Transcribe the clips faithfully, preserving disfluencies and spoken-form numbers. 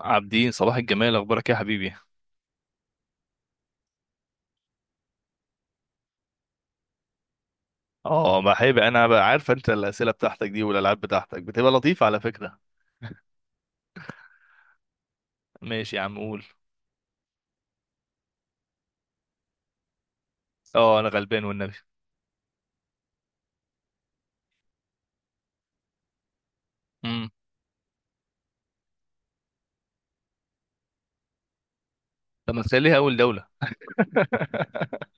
عابدين، صباح الجمال. اخبارك إيه يا حبيبي؟ اه بحب انا بقى عارف انت الاسئله بتاعتك دي والالعاب بتاعتك بتبقى لطيفه على فكره. ماشي يا عم، قول. اه، انا غلبان والنبي. امم. طب ما تخليها اول دوله؟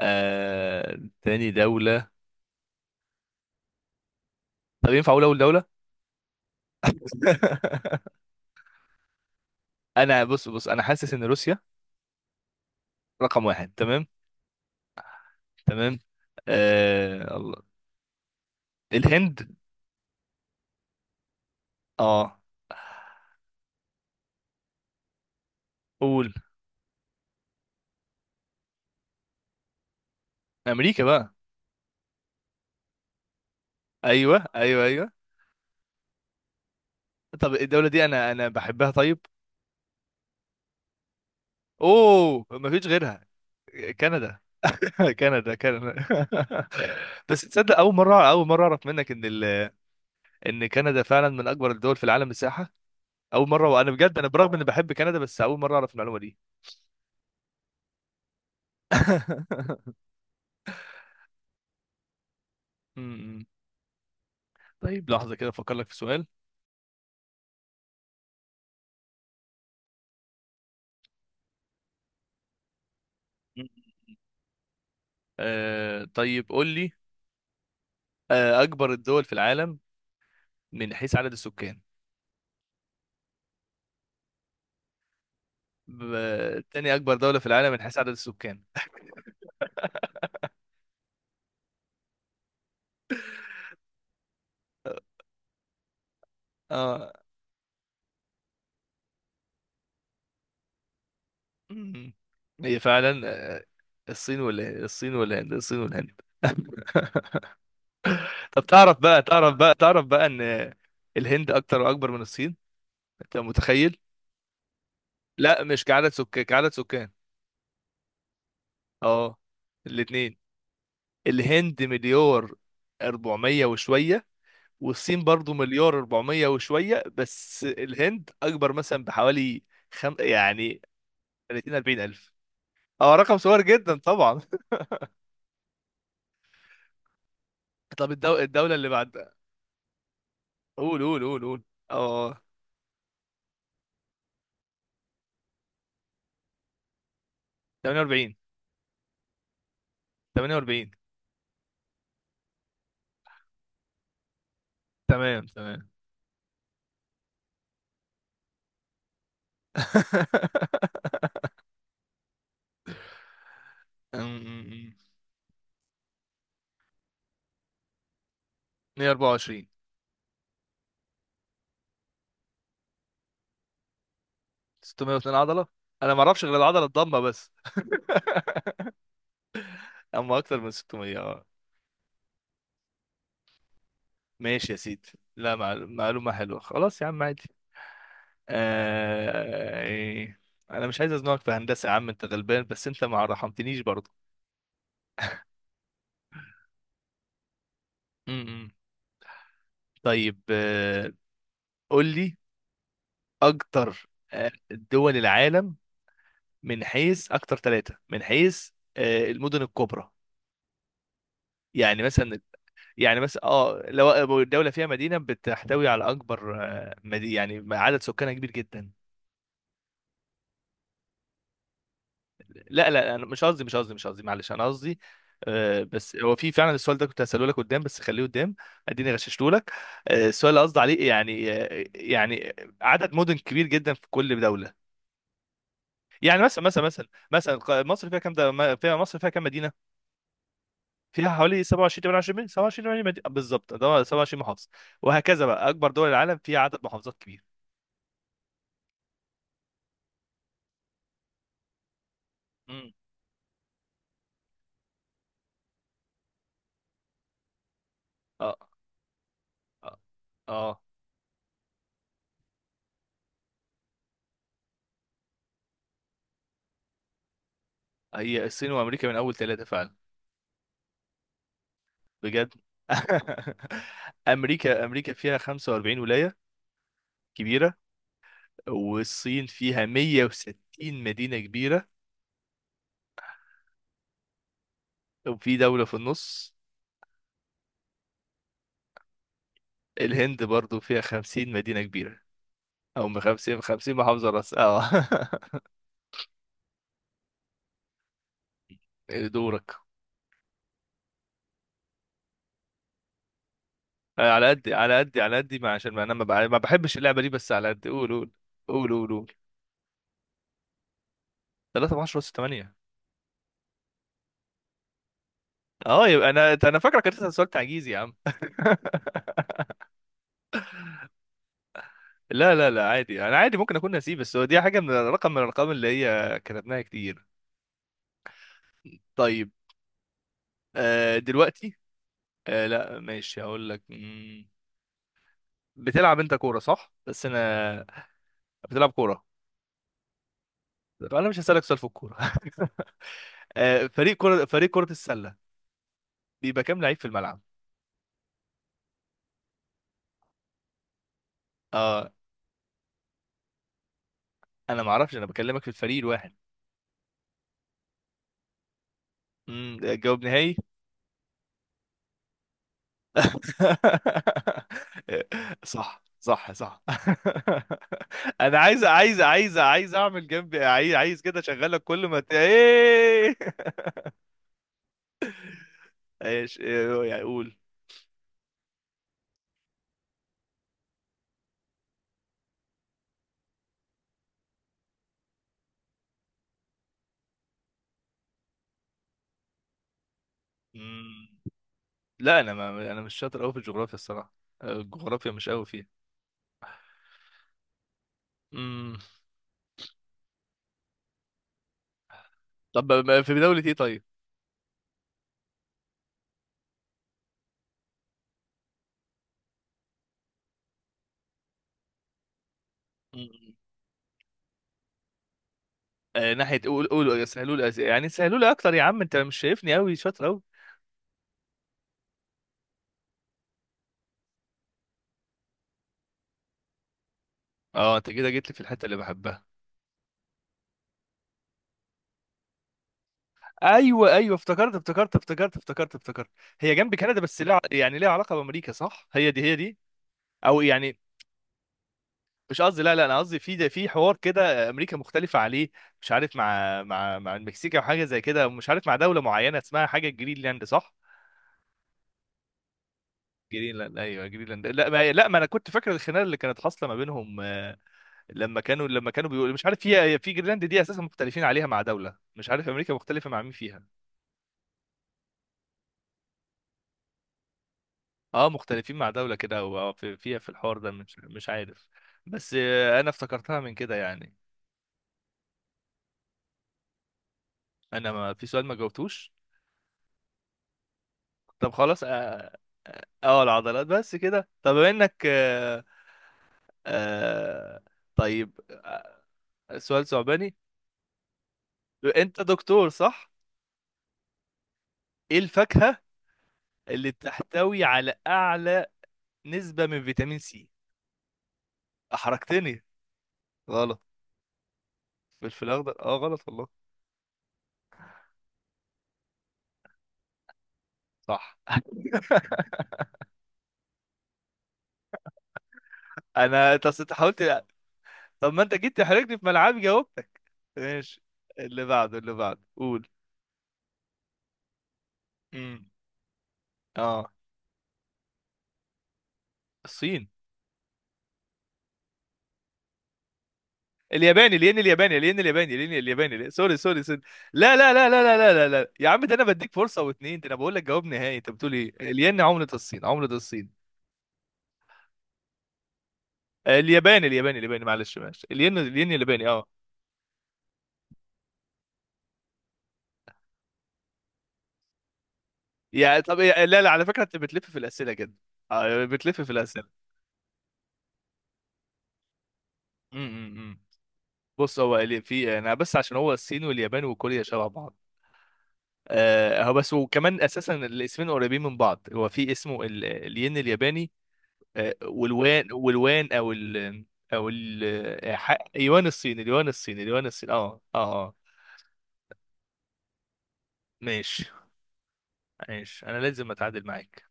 آه... تاني دوله. طب ينفع اقول اول دوله؟ انا بص بص، انا حاسس ان روسيا رقم واحد. تمام. تمام. آه... الله. الهند. اه، قول. امريكا بقى. ايوه، ايوه، ايوه. طب الدوله دي انا انا بحبها، طيب. اوه، مفيش غيرها. كندا. كندا، كندا. بس تصدق، اول مره اول مره اعرف منك ان ال... ان كندا فعلا من اكبر الدول في العالم مساحه. اول مره، وانا بجد انا برغم اني بحب كندا بس اول مره اعرف المعلومه دي. أمم. طيب، لحظه كده افكر لك في سؤال. آه طيب، قول لي. آه اكبر الدول في العالم من حيث عدد السكان. ب... تاني اكبر دوله في العالم من حيث عدد السكان؟ اه. مم. هي فعلا. آه، الصين والهند، الصين والهند، الصين والهند. طب تعرف بقى، تعرف بقى، تعرف بقى ان الهند اكتر واكبر من الصين. انت متخيل؟ لا، مش كعدد سكان، كعدد سكان. اه. الاتنين. الهند مليار أربعمية وشوية. والصين برضو مليار أربعمية وشوية، بس الهند اكبر مثلا بحوالي خم... يعني ثلاثين، أربعين الف. اه، رقم صغير جدا طبعا. طب الدو... الدولة اللي بعد. قول، قول، قول، قول. اه. ثمانية وأربعين. تمنية وأربعين. تمام، تمام. مائة وأربعة وعشرين. ستمائة واثنين عضلة. انا ما اعرفش غير العضلة الضمة بس. اما اكتر من ستمية، اه. ماشي يا سيدي. لا، معل- معلومة حلوة، خلاص يا عم، عادي. آه... إيه. انا مش عايز ازنقك في هندسة يا عم، انت غلبان، بس انت ما رحمتنيش برضه. م- م. طيب. آه... قول لي اكتر. آه، دول العالم من حيث اكتر ثلاثة، من حيث آه، المدن الكبرى. يعني مثلا. يعني، بس اه لو الدولة فيها مدينة بتحتوي على أكبر، آه، مدي يعني عدد سكانها كبير جدا. لا، لا، أنا مش قصدي، مش قصدي، مش قصدي، معلش، أنا قصدي. آه، بس هو في فعلا السؤال ده كنت هسأله لك قدام، بس خليه قدام. اديني غششته لك. آه، السؤال اللي قصدي عليه يعني، آه، يعني عدد مدن كبير جدا في كل دولة. يعني مثلا، مثلا مثلا مثلا ق- مصر فيها كام، ده ما- فيها مصر فيها كام مدينة؟ فيها حوالي سبعة وعشرين، تمنية وعشرين مدينة، سبعة وعشرين، تمنية وعشرين مدينة بالظبط، ده هو سبعة وعشرين محافظة. وهكذا بقى، أكبر دول العالم فيها عدد محافظات كبير. مم. اه. آه. هي الصين وامريكا من اول ثلاثه فعلا. بجد. امريكا امريكا فيها خمسة وأربعين ولايه كبيره. والصين فيها مية وستين مدينه كبيره. وفي دوله في النص. الهند برضو فيها خمسين مدينه كبيره. او من خمسين، خمسين محافظه راس، اه. دورك. على قد، على قد، على قد ما، عشان ما انا ما بع- ما بحبش اللعبه دي، بس على قد، قول، قول، قول، قول، قول. ثلاثة ب عشرة تمنية. اه، يبقى انا انا فاكرك كنت سألت عجيز يا عم. لا، لا، لا، عادي، انا عادي، ممكن اكون نسيب، بس هو دي حاجه من رقم، من الارقام اللي هي كتبناها كتير. طيب. آه دلوقتي. آه لا، ماشي، هقول لك. مم، بتلعب انت كوره صح؟ بس انا بتلعب كوره. فانا مش هسالك سؤال في الكوره. آه فريق كره، فريق كره السله، بيبقى كام لعيب في الملعب؟ اه، انا ما اعرفش، انا بكلمك في الفريق الواحد. امم جواب نهائي. صح، صح، صح. انا عايز عايز عايز عايز اعمل جنبي، عايز عايز كده اشغلك، كل ما ت... ايه. ايش إيه، يعني اقول. مم. لا، انا ما انا مش شاطر قوي في الجغرافيا الصراحه. الجغرافيا مش قوي فيها. مم. طب ما- في دولة ايه، طيب. مم. آه ناحية، قول، قول، سهلوا لي أس- يعني سهلوا لي اكتر يا عم، انت مش شايفني قوي شاطر قوي. اه، انت كده جيت لي في الحتة اللي بحبها. ايوه، ايوه، افتكرت، افتكرت افتكرت افتكرت افتكرت هي جنب كندا، بس لها يعني ليها علاقه بامريكا، صح؟ هي دي، هي دي. او يعني، مش قصدي، لا، لا، انا قصدي في ده، في حوار كده امريكا مختلفه عليه. مش عارف مع مع مع المكسيك او حاجه زي كده، ومش عارف مع دوله معينه اسمها حاجه جرينلاند، صح؟ جرينلاند، ايوه جرينلاند، لا ما لا ما انا كنت فاكر الخناقه اللي كانت حاصله ما بينهم. آه، لما كانوا لما كانوا بيقولوا مش عارف في في جرينلاند دي اساسا مختلفين عليها مع دوله، مش عارف امريكا مختلفه مع مين فيها. اه، مختلفين مع دولة كده، او أو في- فيها في الحوار ده، مش مش عارف. بس، آه، انا افتكرتها من كده يعني. انا ما في سؤال ما جاوبتوش. طب خلاص، اه. آه، آه، العضلات بس كده، طب بما انك آه آه طيب. آه، سؤال صعباني. انت دكتور، صح؟ ايه الفاكهة اللي بتحتوي على اعلى نسبة من فيتامين سي؟ احرجتني. غلط. فلفل اخضر، اه غلط والله. صح. انا تص- حاولت. طب ما انت جيت تحرجني في ملعبي، جاوبتك. ماشي. اللي بعده، اللي بعده، قول. امم اه. الصين. الياباني الين، الياباني الين، الياباني الين، الياباني الين- سوري، سوري، سوري. لا، لا، لا، لا، لا، لا، لا، لا، يا عم، ده انا بديك فرصه واتنين، ده انا بقول لك جواب نهائي، انت بتقول ايه، الين عمله الصين، عمله الصين؟ الياباني، الياباني، الياباني، معلش، معلش، الين الين الياباني، اه. يا طب إيه- لا، لا، على فكره، انت بتلف في الاسئله كده. آه، بتلف في الاسئله. امم أمم، أمم. بص، هو اللي في انا بس عشان هو الصين واليابان وكوريا شبه بعض. آه، هو بس وكمان اساسا الاسمين قريبين من بعض، هو في اسمه ال- الين الياباني. آه، والوان، والوان، او ال او ال آه، ح- يوان الصيني، اليوان الصيني، اليوان الصيني، اه، اه، اه. ماشي، ماشي، انا لازم اتعادل معاك.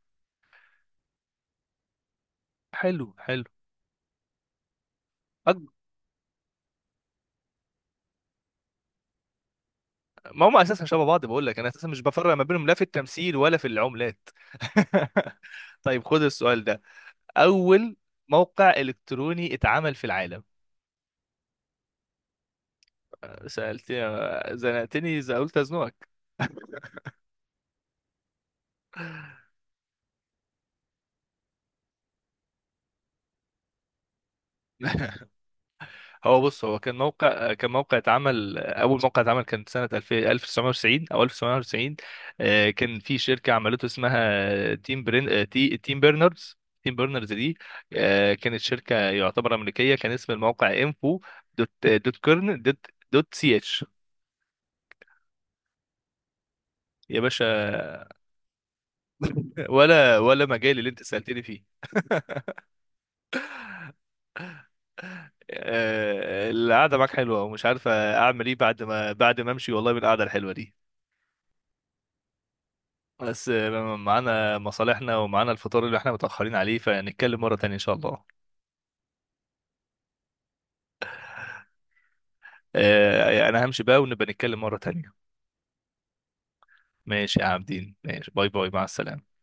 حلو، حلو. أج... ما هم اساسا شبه بعض، بقول لك انا اساسا مش بفرق ما بينهم، لا في التمثيل ولا في العملات. طيب، خد السؤال ده. اول موقع الكتروني اتعمل في العالم؟ آه، سالت، آه، زنقتني. إذا قلت ازنقك. هو بص، هو كان موقع كان موقع اتعمل، اول موقع اتعمل كان سنه الفين، ألف وتسعمائة وتسعين او ألف وتسعمائة وتسعين. آه، كان في شركه عملته اسمها تيم برين، آه، تي تيم بيرنرز. تيم بيرنرز دي، آه، كانت شركه يعتبر امريكيه، كان اسم الموقع انفو دوت، آه، دوت كيرن دوت، دوت سي اتش. يا باشا، ولا ولا مجال اللي انت سالتني فيه. آه، القعده معاك حلوه، ومش عارف اعمل ايه بعد ما بعد ما امشي والله من القعده الحلوه دي. بس معانا مصالحنا ومعانا الفطار اللي احنا متأخرين عليه، فنتكلم مرة تانية ان شاء الله. آه، يعني انا همشي بقى، ونبقى نتكلم مرة تانية. ماشي يا عابدين، ماشي، باي باي، مع السلامة.